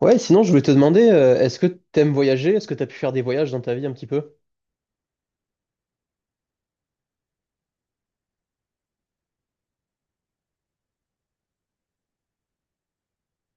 Ouais, sinon, je voulais te demander, est-ce que t'aimes voyager? Est-ce que t'as pu faire des voyages dans ta vie un petit peu?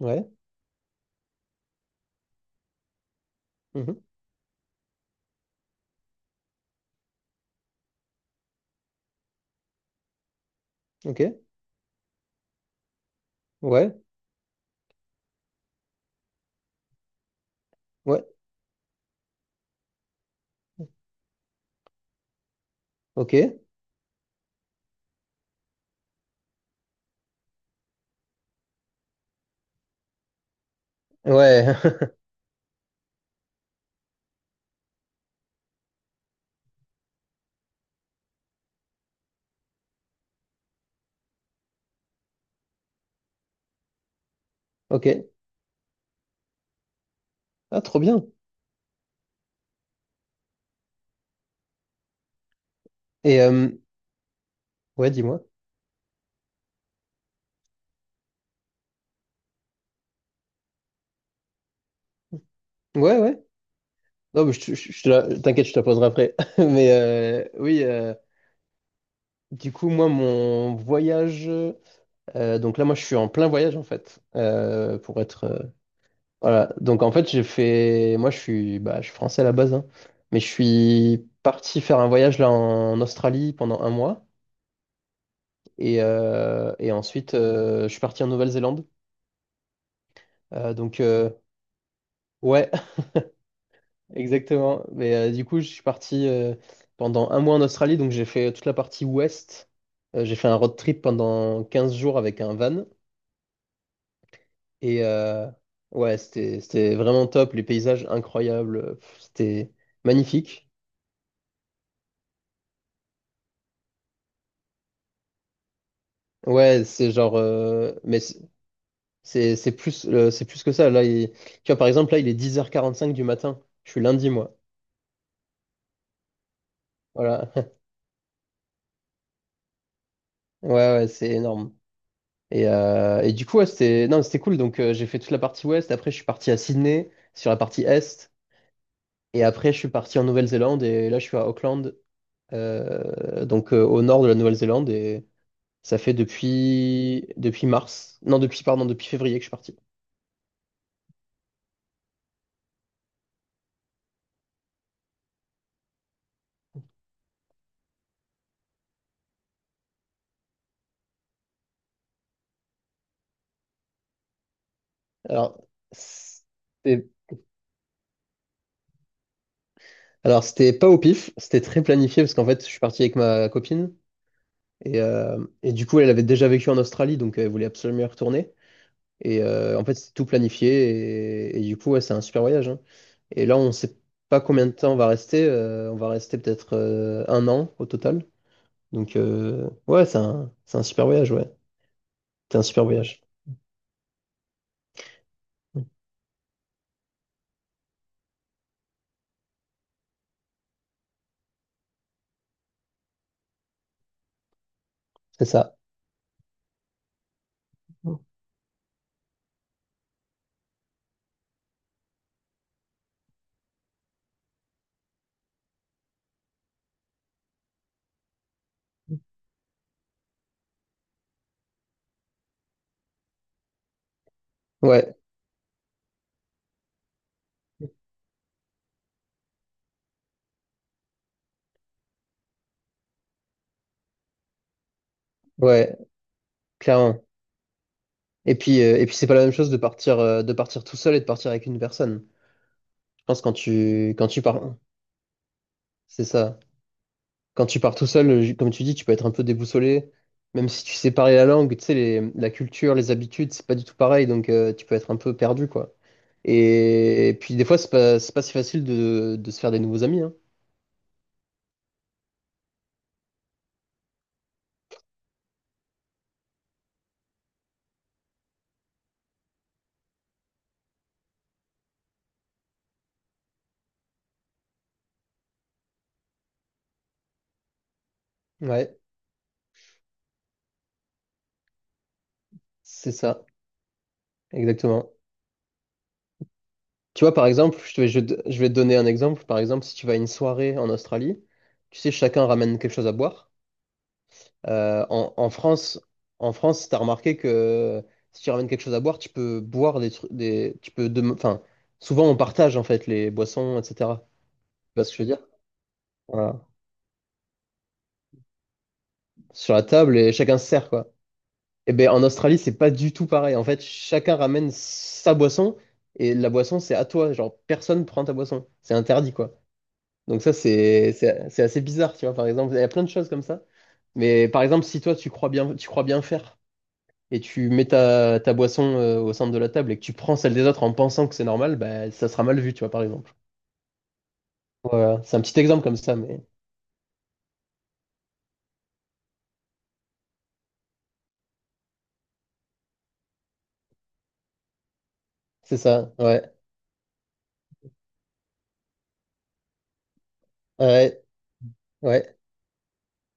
Ouais. Mhm. Ok. Ouais. Ouais. Ok. Ouais. Ok. Ah, trop bien. Et, ouais, dis-moi. Ouais, ouais. Non, mais je te la- t'inquiète, je te la poserai après. Mais oui, du coup, moi, mon voyage. Donc là, moi, je suis en plein voyage, en fait, Voilà, donc en fait moi bah, je suis français à la base, hein. Mais je suis parti faire un voyage là en Australie pendant un mois et ensuite je suis parti en Nouvelle-Zélande. Euh, donc euh, ouais, exactement. Mais du coup je suis parti pendant un mois en Australie, donc j'ai fait toute la partie ouest. J'ai fait un road trip pendant 15 jours avec un van et ouais c'était vraiment top, les paysages incroyables, pff, c'était magnifique. Ouais, c'est genre, mais c'est plus, c'est plus que ça. Là, tu vois, par exemple, là, il est 10h45 du matin. Je suis lundi, moi. Voilà. Ouais, ouais, c'est énorme. Et, du coup, ouais, non, c'était cool. Donc, j'ai fait toute la partie ouest. Après, je suis parti à Sydney, sur la partie est. Et après, je suis parti en Nouvelle-Zélande. Et là, je suis à Auckland, donc au nord de la Nouvelle-Zélande. Et ça fait depuis mars. Non, pardon, depuis février que je suis parti. Alors, c'était- alors c'était pas au pif, c'était très planifié parce qu'en fait, je suis parti avec ma copine et du coup, elle avait déjà vécu en Australie, donc elle voulait absolument y retourner. En fait, c'est tout planifié et du coup, ouais, c'est un super voyage, hein. Et là, on sait pas combien de temps on va rester. On va rester peut-être un an au total. Donc, ouais, c'est un super voyage, ouais. C'est un super voyage. C'est ça. Ouais, ouais, clairement. Et puis, c'est pas la même chose de partir, tout seul et de partir avec une personne. Je pense quand tu pars, c'est ça. Quand tu pars tout seul, comme tu dis, tu peux être un peu déboussolé, même si tu sais parler la langue, tu sais, la culture, les habitudes, c'est pas du tout pareil, donc tu peux être un peu perdu, quoi. Et puis des fois, c'est pas si facile de se faire des nouveaux amis, hein. Ouais. C'est ça, exactement. Tu vois, par exemple, je te vais, je, te- je vais te donner un exemple. Par exemple, si tu vas à une soirée en Australie, tu sais, chacun ramène quelque chose à boire. En France, t'as remarqué que si tu ramènes quelque chose à boire, tu peux boire des trucs, enfin, souvent on partage en fait les boissons, etc. Tu vois ce que je veux dire? Voilà. Sur la table et chacun se sert quoi. Et ben en Australie, c'est pas du tout pareil. En fait, chacun ramène sa boisson et la boisson, c'est à toi. Genre, personne prend ta boisson. C'est interdit quoi. Donc ça, c'est assez bizarre, tu vois, par exemple. Il y a plein de choses comme ça. Mais par exemple, si toi, tu crois bien faire et tu mets ta boisson au centre de la table et que tu prends celle des autres en pensant que c'est normal, bah, ça sera mal vu, tu vois, par exemple. Voilà, c'est un petit exemple comme ça, mais c'est ça, ouais. Ouais, ouais,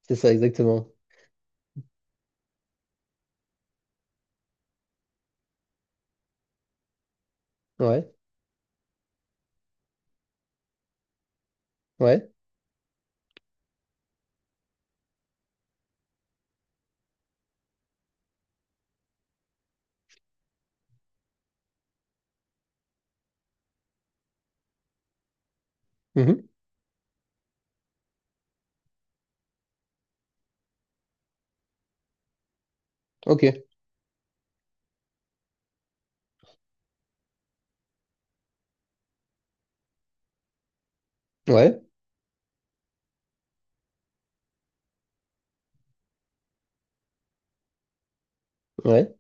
c'est ça, exactement. Ouais, ouais. Mhm. Ok, ouais, ouais.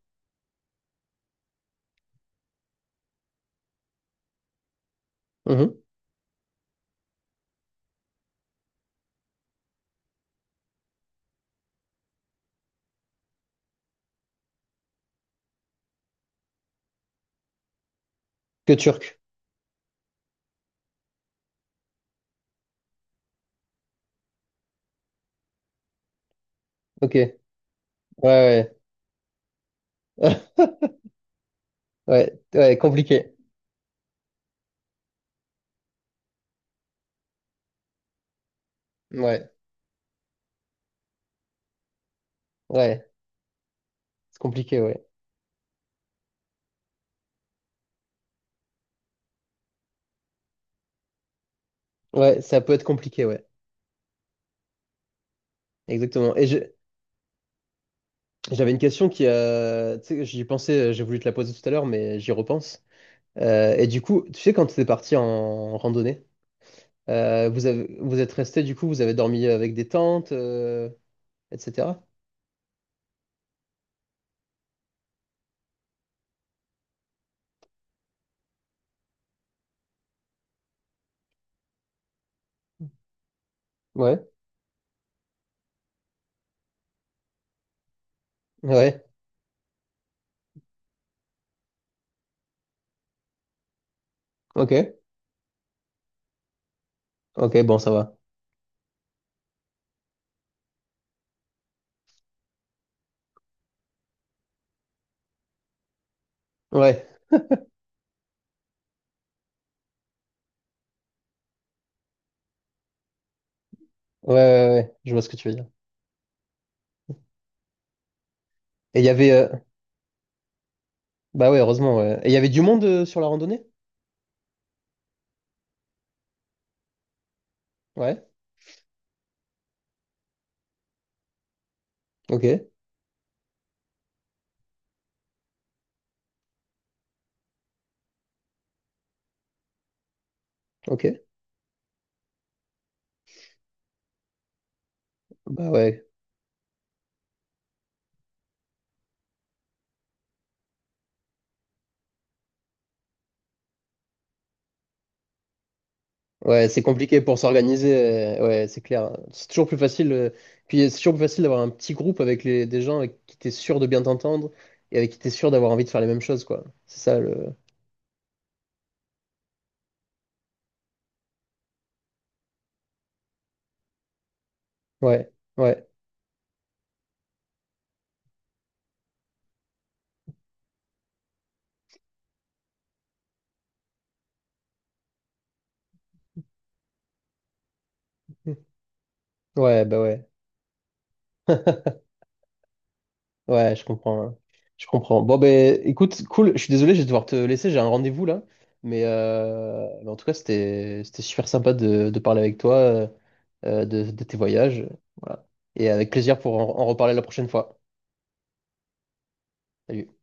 Mhm. Que turc. Ok, ouais, ouais. Ouais, ouais, compliqué. Ouais, ouais, c'est compliqué, ouais. Ouais, ça peut être compliqué, ouais. Exactement. J'avais une question qui a. Tu sais, j'y pensais, j'ai voulu te la poser tout à l'heure, mais j'y repense. Et du coup, tu sais, quand tu es parti en randonnée, vous êtes resté, du coup, vous avez dormi avec des tentes, etc. Ouais, ouais, ok, ok, bon, ça va. Ouais, ouais, ouais, ouais, ouais. Je vois ce que tu veux dire. Et il y avait. Bah ouais, heureusement, ouais. Et il y avait du monde sur la randonnée? Ouais, ok, ok. Bah ouais. Ouais, c'est compliqué pour s'organiser, ouais, c'est clair. C'est toujours plus facile, puis c'est toujours plus facile d'avoir un petit groupe avec des gens avec qui t'es sûr de bien t'entendre et avec qui t'es sûr d'avoir envie de faire les mêmes choses, quoi. C'est ça le. Ouais, ouais, ouais, bah ouais. Ouais, je comprends, hein. Je comprends. Bon, ben, écoute, cool. Je suis désolé, je vais devoir te laisser. J'ai un rendez-vous là. Mais en tout cas, c'était super sympa de parler avec toi de tes voyages. Voilà. Et avec plaisir pour en reparler la prochaine fois. Salut.